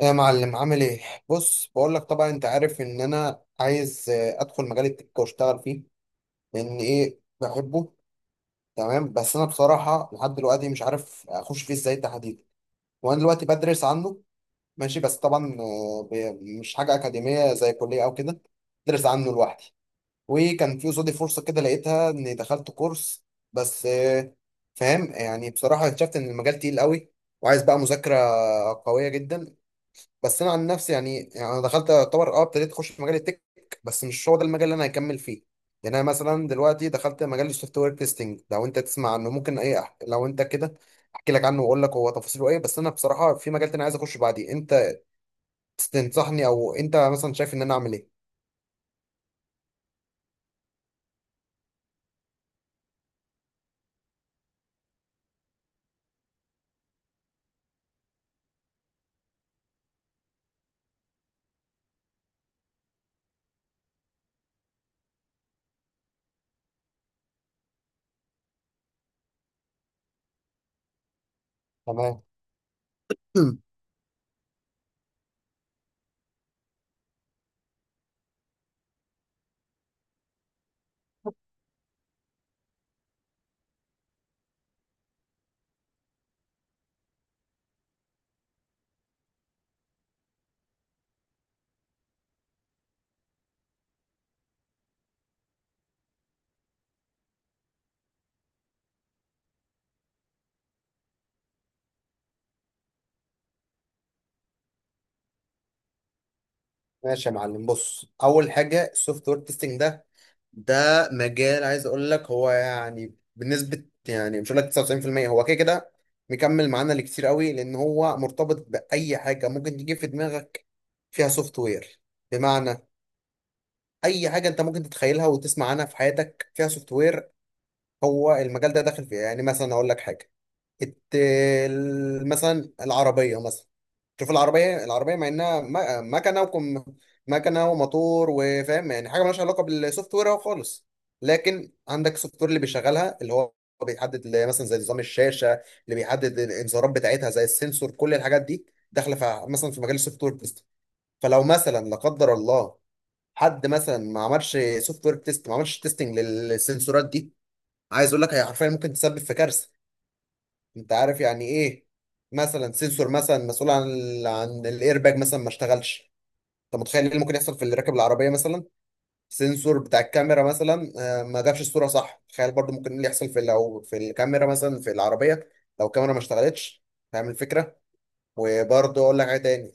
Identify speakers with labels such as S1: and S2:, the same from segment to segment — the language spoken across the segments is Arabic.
S1: يا معلم عامل ايه؟ بص بقول لك، طبعا انت عارف ان انا عايز ادخل مجال التك واشتغل فيه لان ايه بحبه. تمام، بس انا بصراحه لحد دلوقتي مش عارف اخش فيه ازاي تحديدا، وانا دلوقتي بدرس عنه. ماشي، بس طبعا مش حاجه اكاديميه زي كليه او كده، بدرس عنه لوحدي. وكان في قصادي فرصه كده لقيتها اني دخلت كورس بس فاهم يعني، بصراحه اكتشفت ان المجال تقيل قوي وعايز بقى مذاكره قويه جدا. بس انا عن نفسي يعني انا دخلت اعتبر ابتديت اخش في مجال التك، بس مش هو ده المجال اللي انا هكمل فيه. يعني انا مثلا دلوقتي دخلت مجال السوفت وير تيستنج، لو انت تسمع عنه ممكن لو انت كده احكي لك عنه واقول لك هو تفاصيله ايه، بس انا بصراحه في مجال تاني عايز اخش بعديه. انت تنصحني او انت مثلا شايف ان انا اعمل ايه؟ تمام. ماشي يا معلم، بص، اول حاجه السوفت وير تيستنج ده مجال، عايز اقول لك هو يعني بنسبه يعني مش هقول لك 99% هو كده كده مكمل معانا لكتير قوي، لان هو مرتبط باي حاجه ممكن تيجي في دماغك فيها سوفت وير. بمعنى اي حاجه انت ممكن تتخيلها وتسمع عنها في حياتك فيها سوفت وير، هو المجال ده داخل فيها. يعني مثلا اقول لك حاجه، مثلا العربية. مثلا شوف العربية، مع انها مكنة مكنة وموتور وفاهم يعني حاجة مالهاش علاقة بالسوفت وير أهو خالص، لكن عندك سوفت وير اللي بيشغلها، اللي هو بيحدد اللي مثلا زي نظام الشاشة، اللي بيحدد الانذارات بتاعتها زي السنسور. كل الحاجات دي داخلة في مثلا في مجال السوفت وير تيست. فلو مثلا لا قدر الله حد مثلا ما عملش سوفت وير تيست، ما عملش تيستنج للسنسورات دي، عايز اقول لك هي حرفيا ممكن تسبب في كارثة. انت عارف يعني ايه؟ مثلا سنسور مثلا مسؤول عن عن الايرباج مثلا ما اشتغلش، انت متخيل ايه اللي ممكن يحصل في اللي راكب العربيه مثلا؟ سنسور بتاع الكاميرا مثلا، ما جابش الصوره صح، تخيل برضو ممكن ايه اللي يحصل في لو في الكاميرا مثلا في العربيه، لو الكاميرا ما اشتغلتش. فاهم الفكره؟ وبرضو اقول لك حاجه تاني.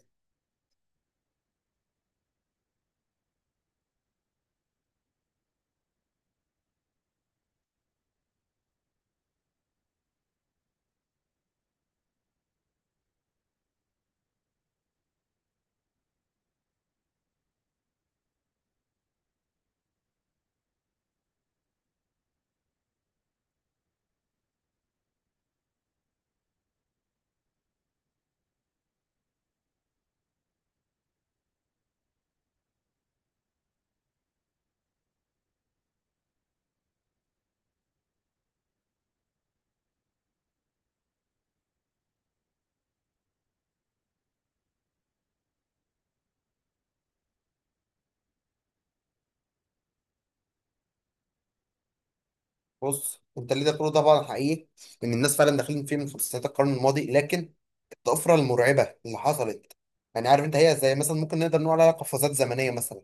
S1: بص انت اللي ده كله طبعا حقيقي، ان الناس فعلا داخلين فيه من سنوات القرن الماضي، لكن الطفره المرعبه اللي حصلت، يعني عارف انت هي زي مثلا ممكن نقدر نقول عليها قفزات زمنيه مثلا،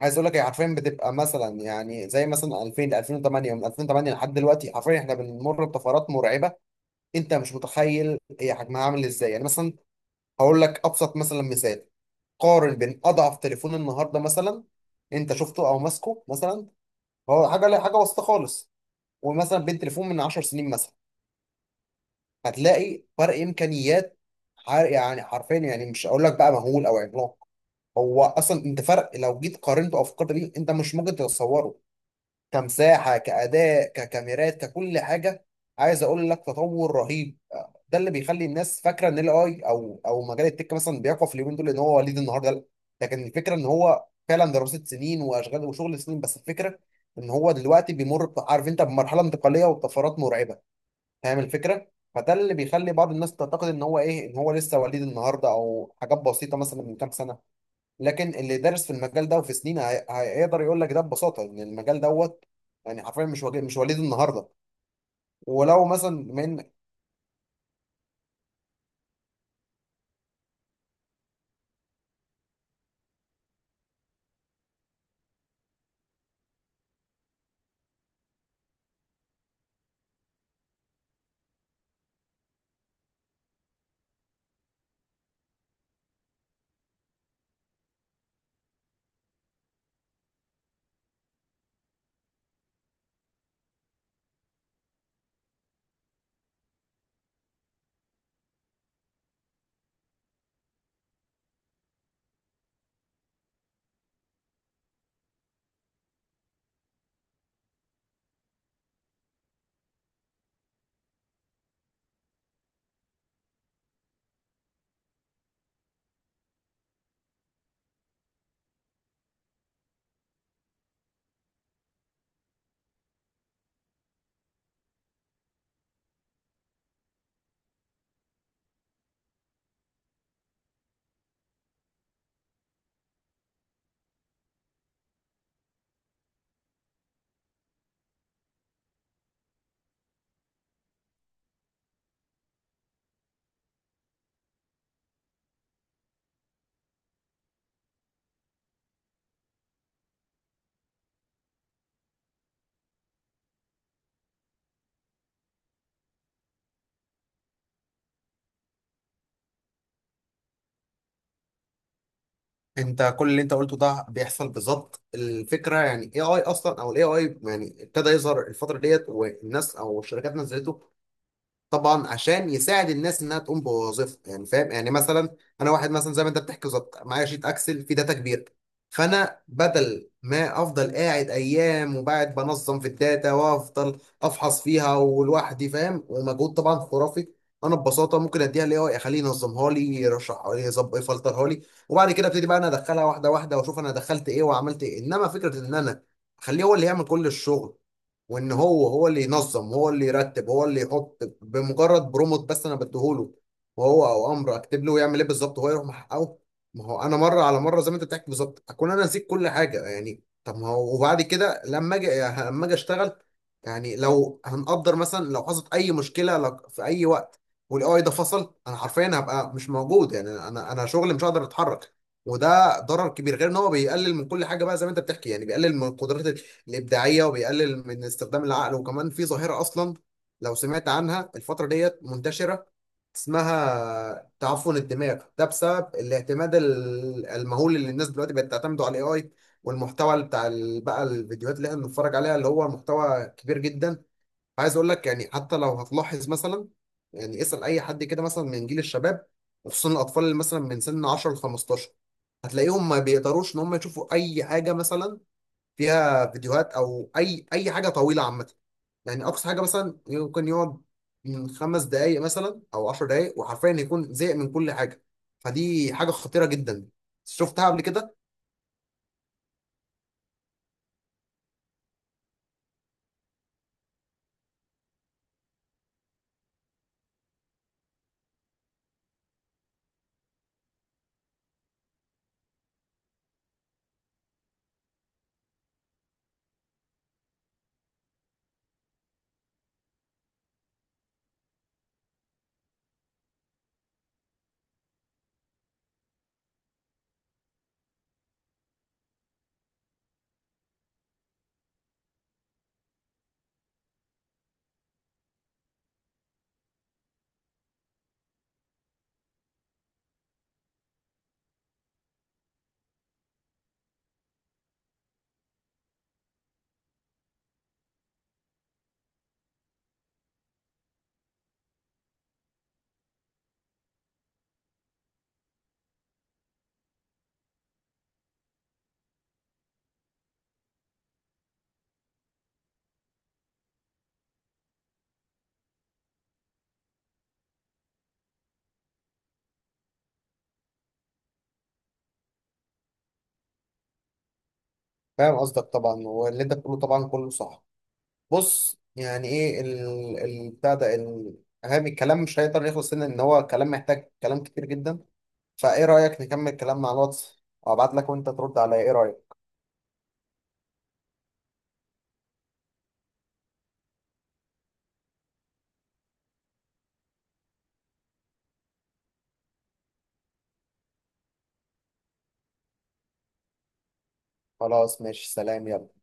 S1: عايز اقول لك هي حرفيا بتبقى مثلا يعني زي مثلا 2000 ل 2008، ومن 2008 لحد دلوقتي حرفيا احنا بنمر بطفرات مرعبه. انت مش متخيل هي حجمها عامل ازاي. يعني مثلا هقول لك ابسط مثلا مثال، قارن بين اضعف تليفون النهارده مثلا انت شفته او ماسكه مثلا، هو حاجه لا حاجه وسط خالص، ومثلا بين تليفون من 10 سنين مثلا، هتلاقي فرق امكانيات يعني حرفيا يعني مش هقول لك بقى مهول او عملاق، هو اصلا انت فرق لو جيت قارنته او فكرت بيه انت مش ممكن تتصوره. كمساحه كاداء ككاميرات ككل حاجه، عايز اقول لك تطور رهيب. ده اللي بيخلي الناس فاكره ان الاي اي او مجال التك مثلا بيقف اليومين دول، ان هو وليد النهارده. لا، لكن الفكره ان هو فعلا دراسه سنين واشغال وشغل سنين، بس الفكره ان هو دلوقتي بيمر عارف انت بمرحله انتقاليه وطفرات مرعبه. فاهم الفكره؟ فده اللي بيخلي بعض الناس تعتقد ان هو ايه، ان هو لسه وليد النهارده او حاجات بسيطه مثلا من كام سنه. لكن اللي دارس في المجال ده وفي سنين هيقدر يقول لك ده ببساطه، ان المجال دوت يعني حرفيا مش مش وليد النهارده. ولو مثلا من... انت كل اللي انت قلته ده بيحصل بالظبط. الفكره يعني اي اي اصلا او الاي اي يعني ابتدى يظهر الفتره ديت، والناس او الشركات نزلته طبعا عشان يساعد الناس انها تقوم بوظيفه. يعني فاهم يعني مثلا انا واحد مثلا زي ما انت بتحكي بالظبط، معايا شيت اكسل فيه داتا كبير، فانا بدل ما افضل قاعد ايام وبعد بنظم في الداتا وافضل افحص فيها ولوحدي، فاهم، ومجهود طبعا خرافي. انا ببساطه ممكن اديها لاي اي اخليه ينظمها لي، يرشحها لي، يظبط يفلترها لي. وبعد كده ابتدي بقى انا ادخلها واحده واحده واشوف انا دخلت ايه وعملت ايه. انما فكره ان انا اخليه هو اللي يعمل كل الشغل، وان هو اللي ينظم هو اللي يرتب هو اللي يحط، بمجرد بروموت بس انا بديهوله وهو امر اكتب له يعمل ايه بالظبط هو يروح محققه. ما هو انا مره على مره زي ما انت بتحكي بالظبط اكون انا نسيت كل حاجه. يعني طب ما هو وبعد كده لما اجي اشتغل يعني، لو هنقدر مثلا لو حصلت اي مشكله لو في اي وقت والاي اي ده فصل، انا حرفيا هبقى مش موجود يعني. انا شغلي مش هقدر اتحرك، وده ضرر كبير غير ان هو بيقلل من كل حاجه بقى زي ما انت بتحكي. يعني بيقلل من قدرات الابداعيه وبيقلل من استخدام العقل. وكمان في ظاهره اصلا لو سمعت عنها الفتره ديت منتشره، اسمها تعفن الدماغ، ده بسبب الاعتماد المهول اللي الناس دلوقتي بقت تعتمده على الاي اي، والمحتوى اللي بتاع بقى الفيديوهات اللي احنا بنتفرج عليها اللي هو محتوى كبير جدا. عايز اقول لك يعني حتى لو هتلاحظ مثلا، يعني اسال اي حد كده مثلا من جيل الشباب، وخصوصا الاطفال اللي مثلا من سن 10 ل 15، هتلاقيهم ما بيقدروش ان هم يشوفوا اي حاجه مثلا فيها فيديوهات او اي حاجه طويله عامه. يعني اقصى حاجه مثلا ممكن يقعد من 5 دقائق مثلا او 10 دقائق وحرفيا يكون زهق من كل حاجه. فدي حاجه خطيره جدا شفتها قبل كده. فاهم قصدك طبعا، واللي انت بتقوله طبعا كله صح. بص يعني ايه ال... ال... بتاع ده ال... أهم الكلام مش هيقدر يخلص هنا، ان هو كلام محتاج كلام كتير جدا. فايه رايك نكمل كلامنا على الواتس، وابعت لك وانت ترد عليا؟ ايه رايك؟ خلاص ماشي سلام يلا.